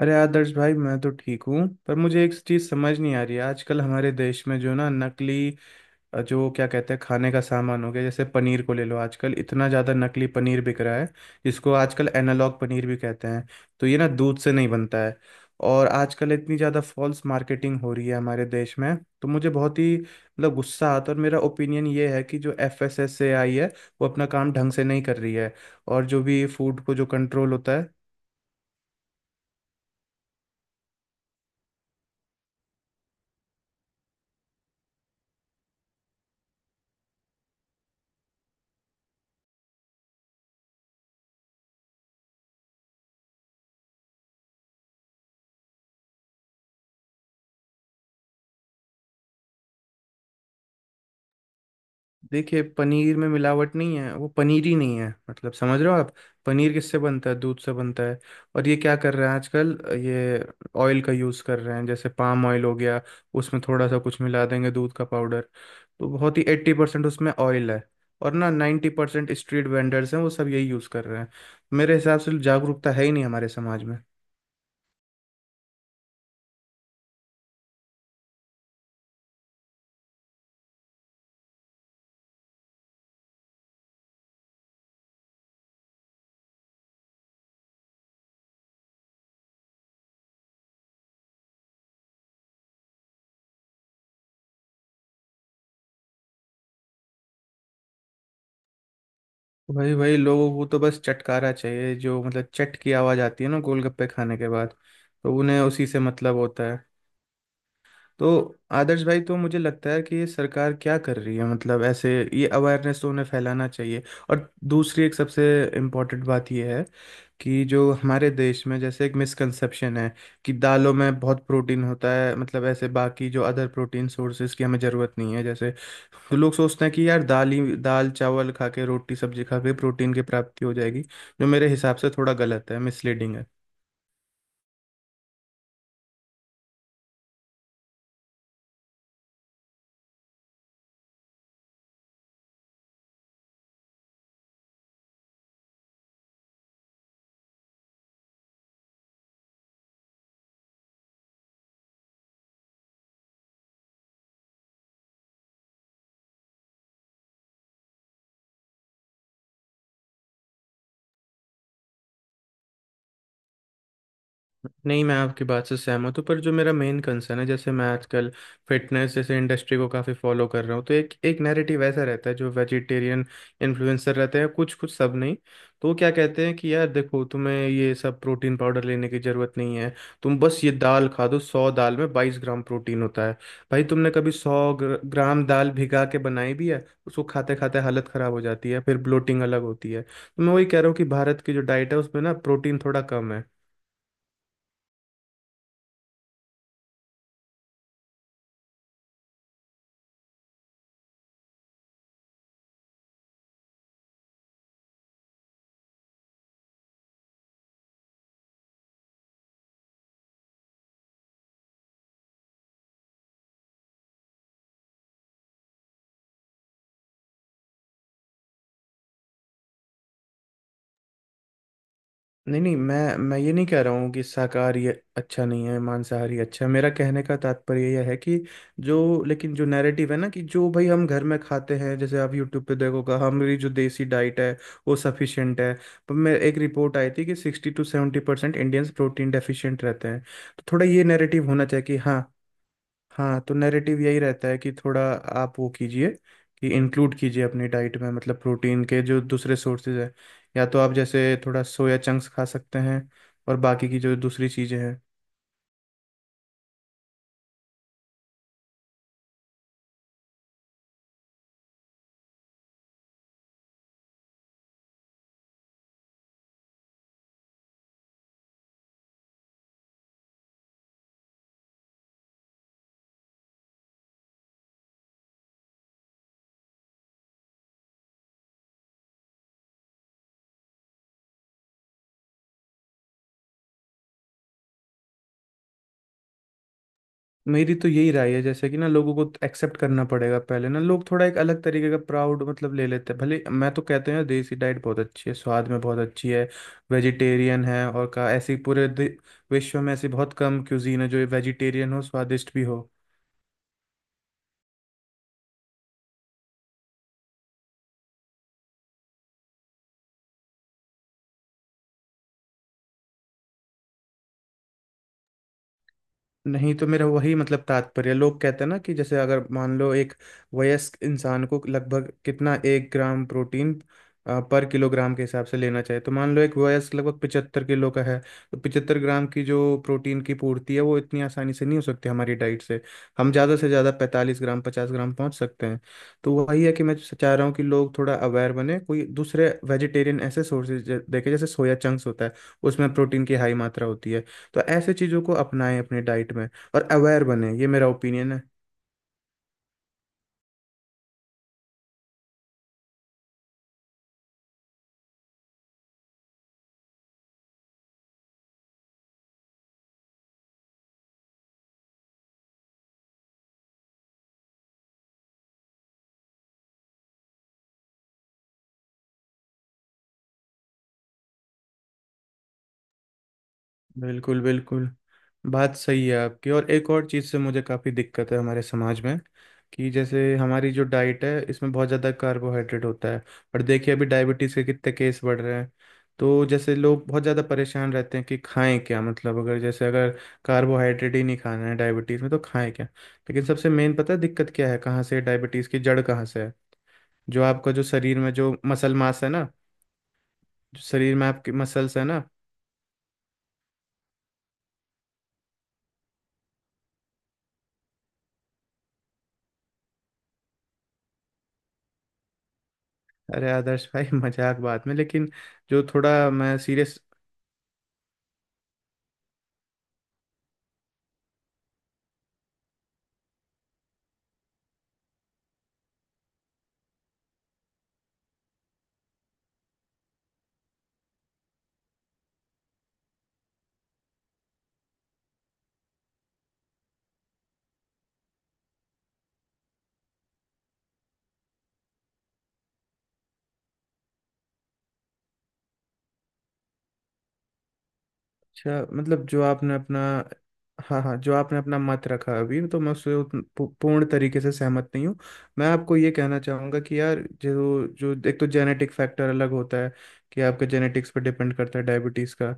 अरे आदर्श भाई, मैं तो ठीक हूँ। पर मुझे एक चीज़ समझ नहीं आ रही है, आजकल हमारे देश में जो ना नकली जो क्या कहते हैं, खाने का सामान हो गया। जैसे पनीर को ले लो, आजकल इतना ज़्यादा नकली पनीर बिक रहा है, जिसको आजकल एनालॉग पनीर भी कहते हैं। तो ये ना दूध से नहीं बनता है। और आजकल इतनी ज़्यादा फॉल्स मार्केटिंग हो रही है हमारे देश में। तो मुझे बहुत ही मतलब गुस्सा आता है, और मेरा ओपिनियन ये है कि जो FSSAI है, वो अपना काम ढंग से नहीं कर रही है, और जो भी फूड को जो कंट्रोल होता है। देखिए, पनीर में मिलावट नहीं है, वो पनीर ही नहीं है, मतलब समझ रहे हो आप। पनीर किससे बनता है? दूध से बनता है। और ये क्या कर रहे हैं आजकल? ये ऑयल का यूज़ कर रहे हैं, जैसे पाम ऑयल हो गया। उसमें थोड़ा सा कुछ मिला देंगे, दूध का पाउडर। तो बहुत ही 80% उसमें ऑयल है। और ना, 90% स्ट्रीट वेंडर्स हैं, वो सब यही यूज़ कर रहे हैं। मेरे हिसाब से जागरूकता है ही नहीं हमारे समाज में। वही वही लोगों को तो बस चटकारा चाहिए, जो मतलब चट की आवाज़ आती है ना गोलगप्पे खाने के बाद। तो उन्हें उसी से मतलब होता है। तो आदर्श भाई, तो मुझे लगता है कि ये सरकार क्या कर रही है, मतलब ऐसे ये अवेयरनेस तो उन्हें फैलाना चाहिए। और दूसरी एक सबसे इम्पोर्टेंट बात ये है कि जो हमारे देश में जैसे एक मिसकंसेप्शन है कि दालों में बहुत प्रोटीन होता है, मतलब ऐसे बाकी जो अदर प्रोटीन सोर्सेज की हमें ज़रूरत नहीं है जैसे। तो लोग सोचते हैं कि यार दाल ही दाल चावल खा के रोटी सब्जी खा के प्रोटीन की प्राप्ति हो जाएगी, जो मेरे हिसाब से थोड़ा गलत है, मिसलीडिंग है। नहीं, मैं आपकी बात से सहमत हूँ, पर जो मेरा मेन कंसर्न है, जैसे मैं आजकल फिटनेस जैसे इंडस्ट्री को काफ़ी फॉलो कर रहा हूँ, तो एक एक नैरेटिव ऐसा रहता है, जो वेजिटेरियन इन्फ्लुएंसर रहते हैं, कुछ कुछ, सब नहीं। तो वो क्या कहते हैं कि यार देखो तुम्हें ये सब प्रोटीन पाउडर लेने की ज़रूरत नहीं है, तुम बस ये दाल खा दो, 100 दाल में 22 ग्राम प्रोटीन होता है। भाई, तुमने कभी 100 ग्राम दाल भिगा के बनाई भी है? उसको खाते खाते हालत ख़राब हो जाती है, फिर ब्लोटिंग अलग होती है। तो मैं वही कह रहा हूँ कि भारत की जो डाइट है उसमें ना प्रोटीन थोड़ा कम है। नहीं नहीं, मैं ये नहीं कह रहा हूँ कि शाकाहारी अच्छा नहीं है, मांसाहारी अच्छा है। मेरा कहने का तात्पर्य यह है कि जो, लेकिन जो नैरेटिव है ना, कि जो भाई हम घर में खाते हैं, जैसे आप यूट्यूब पे देखोगा, हमारी जो देसी डाइट है, वो सफिशिएंट है। पर मैं एक रिपोर्ट आई थी कि 60-70% इंडियंस प्रोटीन डेफिशिएंट रहते हैं। तो थोड़ा ये नैरेटिव होना चाहिए कि हाँ। हाँ, तो नैरेटिव यही रहता है कि थोड़ा आप वो कीजिए, कि इंक्लूड कीजिए अपनी डाइट में, मतलब प्रोटीन के जो दूसरे सोर्सेज हैं, या तो आप जैसे थोड़ा सोया चंक्स खा सकते हैं, और बाकी की जो दूसरी चीज़ें हैं। मेरी तो यही राय है, जैसे कि ना लोगों को एक्सेप्ट करना पड़ेगा पहले, ना लोग थोड़ा एक अलग तरीके का प्राउड मतलब ले लेते हैं, भले मैं, तो कहते हैं देसी डाइट बहुत अच्छी है, स्वाद में बहुत अच्छी है, वेजिटेरियन है, और का ऐसी पूरे विश्व में ऐसी बहुत कम क्यूजीन है जो वेजिटेरियन हो, स्वादिष्ट भी हो। नहीं तो मेरा वही मतलब तात्पर्य, लोग कहते हैं ना कि जैसे, अगर मान लो, एक वयस्क इंसान को लगभग कितना एक ग्राम प्रोटीन पर किलोग्राम के हिसाब से लेना चाहिए, तो मान लो एक वयस्क लगभग 75 किलो का है। तो 75 ग्राम की जो प्रोटीन की पूर्ति है, वो इतनी आसानी से नहीं हो सकती हमारी डाइट से। हम ज़्यादा से ज़्यादा 45 ग्राम, 50 ग्राम पहुंच सकते हैं। तो वही है कि मैं चाह रहा हूँ कि लोग थोड़ा अवेयर बने, कोई दूसरे वेजिटेरियन ऐसे सोर्सेज देखे, जैसे सोया चंक्स होता है, उसमें प्रोटीन की हाई मात्रा होती है। तो ऐसे चीज़ों को अपनाएं अपने डाइट में और अवेयर बने, ये मेरा ओपिनियन है। बिल्कुल बिल्कुल, बात सही है आपकी। और एक और चीज़ से मुझे काफ़ी दिक्कत है हमारे समाज में, कि जैसे हमारी जो डाइट है इसमें बहुत ज़्यादा कार्बोहाइड्रेट होता है। और देखिए अभी डायबिटीज़ के कितने केस बढ़ रहे हैं। तो जैसे लोग बहुत ज़्यादा परेशान रहते हैं कि खाएं क्या, मतलब अगर, जैसे, अगर कार्बोहाइड्रेट ही नहीं खाना है डायबिटीज़ में तो खाएं क्या। लेकिन सबसे मेन पता है दिक्कत क्या है, कहाँ से डायबिटीज़ की जड़ कहाँ से है? जो आपका जो शरीर में जो मसल मास है ना, जो शरीर में आपके मसल्स है ना। अरे आदर्श भाई मजाक बात में, लेकिन जो थोड़ा मैं सीरियस। अच्छा, मतलब जो आपने अपना। हाँ हाँ, जो आपने अपना मत रखा अभी, तो मैं उससे पूर्ण तरीके से सहमत नहीं हूँ। मैं आपको ये कहना चाहूँगा कि यार, जो जो, एक तो जेनेटिक फैक्टर अलग होता है, कि आपके जेनेटिक्स पर डिपेंड करता है डायबिटीज़ का।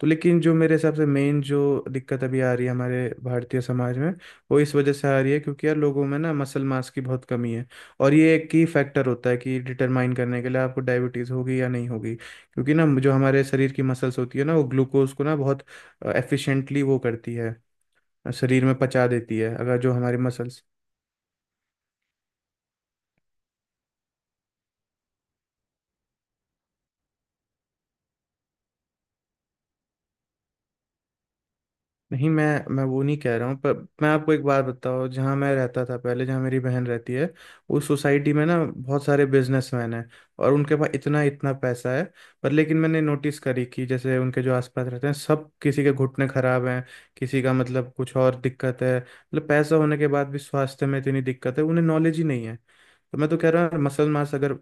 तो लेकिन जो मेरे हिसाब से मेन जो दिक्कत अभी आ रही है हमारे भारतीय समाज में, वो इस वजह से आ रही है, क्योंकि यार लोगों में ना मसल मास की बहुत कमी है, और ये एक की फैक्टर होता है कि डिटरमाइन करने के लिए आपको डायबिटीज़ होगी या नहीं होगी। क्योंकि ना जो हमारे शरीर की मसल्स होती है ना, वो ग्लूकोज को ना बहुत एफिशिएंटली वो करती है, शरीर में पचा देती है, अगर जो हमारी मसल्स। नहीं, मैं वो नहीं कह रहा हूँ, पर मैं आपको एक बात बताऊँ, जहाँ मैं रहता था पहले, जहाँ मेरी बहन रहती है, उस सोसाइटी में ना बहुत सारे बिजनेसमैन हैं, और उनके पास इतना इतना पैसा है। पर लेकिन मैंने नोटिस करी, कि जैसे उनके जो आसपास रहते हैं सब, किसी के घुटने खराब हैं, किसी का मतलब कुछ और दिक्कत है, मतलब पैसा होने के बाद भी स्वास्थ्य में इतनी दिक्कत है, उन्हें नॉलेज ही नहीं है। तो मैं तो कह रहा, मसल मास अगर।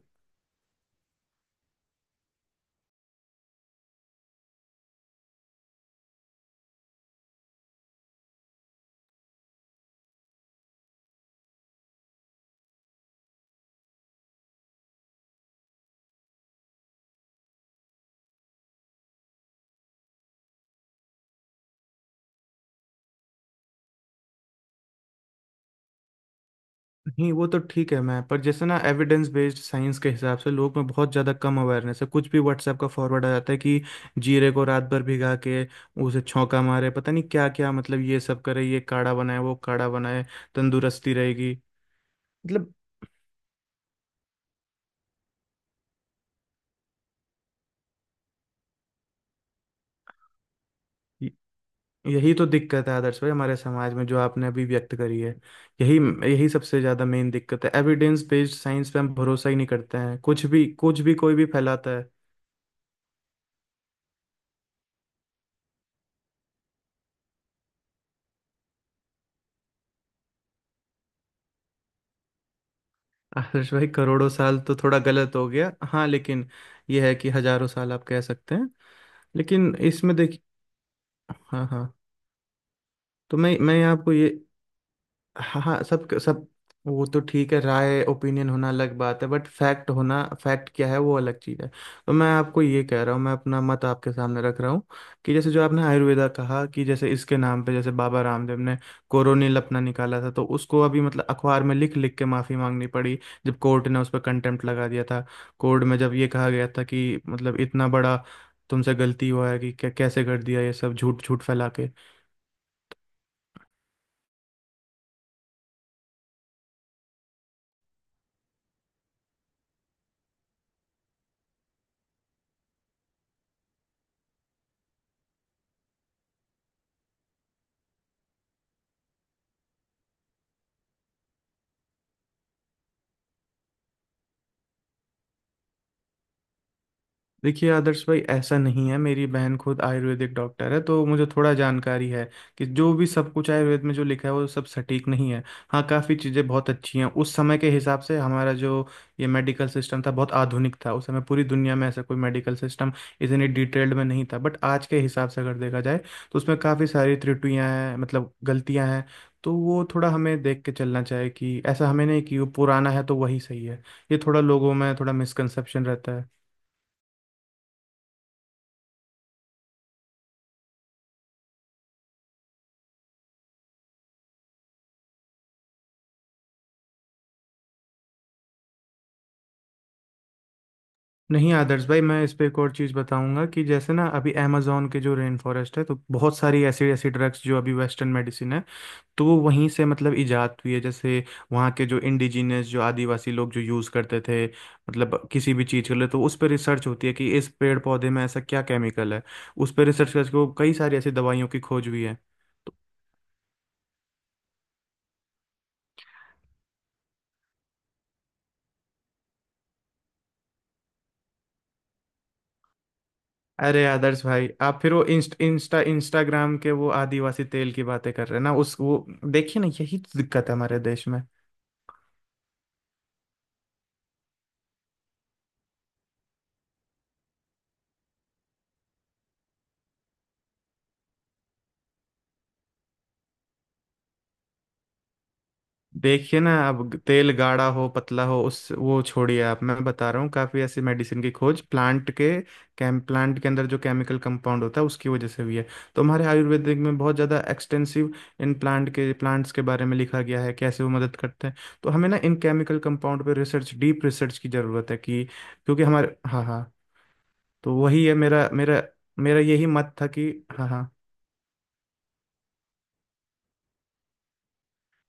नहीं, वो तो ठीक है, मैं पर जैसे ना एविडेंस बेस्ड साइंस के हिसाब से लोग में बहुत ज़्यादा कम अवेयरनेस है, कुछ भी व्हाट्सएप का फॉरवर्ड आ जाता है कि जीरे को रात भर भिगा के उसे छौंका मारे, पता नहीं क्या क्या, मतलब ये सब करे, ये काढ़ा बनाए, वो काढ़ा बनाए, तंदुरुस्ती रहेगी, मतलब। य- यही तो दिक्कत है आदर्श भाई हमारे समाज में, जो आपने अभी व्यक्त करी है। यही यही सबसे ज़्यादा मेन दिक्कत है, एविडेंस बेस्ड साइंस पे हम भरोसा ही नहीं करते हैं, कुछ भी कोई भी फैलाता है। आदर्श भाई, करोड़ों साल तो थोड़ा गलत हो गया, हाँ, लेकिन ये है कि हजारों साल आप कह सकते हैं। लेकिन इसमें देखिए, हाँ हाँ, तो मैं आपको ये, हाँ हाँ, सब सब, वो तो ठीक है, राय, ओपिनियन होना अलग बात है, बट फैक्ट होना, फैक्ट क्या है वो अलग चीज़ है। तो मैं आपको ये कह रहा हूँ, मैं अपना मत आपके सामने रख रहा हूँ, कि जैसे, जो आपने आयुर्वेदा कहा, कि जैसे इसके नाम पे, जैसे बाबा रामदेव ने कोरोनिल अपना निकाला था, तो उसको अभी मतलब अखबार में लिख लिख के माफ़ी मांगनी पड़ी, जब कोर्ट ने उस पर कंटेम्प्ट लगा दिया था। कोर्ट में जब ये कहा गया था कि मतलब इतना बड़ा तुमसे गलती हुआ है, कि कैसे कर दिया ये सब, झूठ झूठ फैला के। देखिए आदर्श भाई, ऐसा नहीं है, मेरी बहन खुद आयुर्वेदिक डॉक्टर है, तो मुझे थोड़ा जानकारी है, कि जो भी सब कुछ आयुर्वेद में जो लिखा है वो सब सटीक नहीं है। हाँ, काफ़ी चीज़ें बहुत अच्छी हैं, उस समय के हिसाब से, हमारा जो ये मेडिकल सिस्टम था बहुत आधुनिक था, उस समय पूरी दुनिया में ऐसा कोई मेडिकल सिस्टम इतनी डिटेल्ड में नहीं था। बट आज के हिसाब से अगर देखा जाए तो उसमें काफ़ी सारी त्रुटियां हैं, मतलब गलतियां हैं। तो वो थोड़ा हमें देख के चलना चाहिए, कि ऐसा हमें नहीं कि वो पुराना है तो वही सही है। ये थोड़ा लोगों में थोड़ा मिसकंसेप्शन रहता है। नहीं आदर्श भाई, मैं इस पे एक और चीज़ बताऊंगा, कि जैसे ना अभी अमेजोन के जो रेन फॉरेस्ट है, तो बहुत सारी ऐसी ऐसी ड्रग्स जो अभी वेस्टर्न मेडिसिन है, तो वो वहीं से मतलब इजाद हुई है। जैसे वहाँ के जो इंडिजिनियस, जो आदिवासी लोग जो यूज़ करते थे मतलब किसी भी चीज़ के लिए, तो उस पर रिसर्च होती है कि इस पेड़ पौधे में ऐसा क्या केमिकल है, उस पर रिसर्च करके वो कई सारी ऐसी दवाइयों की खोज हुई है। तो- अरे आदर्श भाई, आप फिर वो इंस्टाग्राम के वो आदिवासी तेल की बातें कर रहे हैं ना, उस वो देखिए ना, यही तो दिक्कत है हमारे देश में। देखिए ना, अब तेल गाढ़ा हो पतला हो उस वो छोड़िए आप, मैं बता रहा हूँ, काफ़ी ऐसी मेडिसिन की खोज, प्लांट के कैम प्लांट के अंदर जो केमिकल कंपाउंड होता है उसकी वजह से हुई है। तो हमारे आयुर्वेदिक में बहुत ज़्यादा एक्सटेंसिव इन प्लांट के, प्लांट्स के बारे में लिखा गया है कैसे वो मदद करते हैं। तो हमें ना इन केमिकल कंपाउंड पे रिसर्च, डीप रिसर्च की ज़रूरत है कि, क्योंकि हमारे, हाँ हाँ, तो वही है मेरा मेरा मेरा यही मत था कि, हाँ हाँ,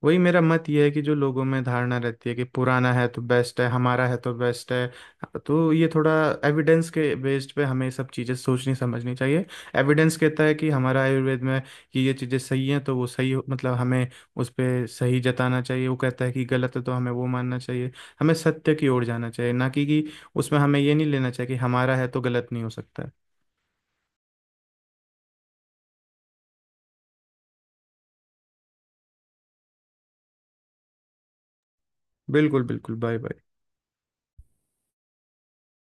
वही मेरा मत ये है कि जो लोगों में धारणा रहती है कि पुराना है तो बेस्ट है, हमारा है तो बेस्ट है। तो ये थोड़ा एविडेंस के बेस्ड पे हमें सब चीज़ें सोचनी समझनी चाहिए। एविडेंस कहता है कि हमारा आयुर्वेद में, कि ये चीज़ें सही हैं तो वो मतलब हमें उस पे सही जताना चाहिए, वो कहता है कि गलत है तो हमें वो मानना चाहिए। हमें सत्य की ओर जाना चाहिए, ना कि उसमें हमें ये नहीं लेना चाहिए कि हमारा है तो गलत नहीं हो सकता है। बिल्कुल बिल्कुल, बाय बाय।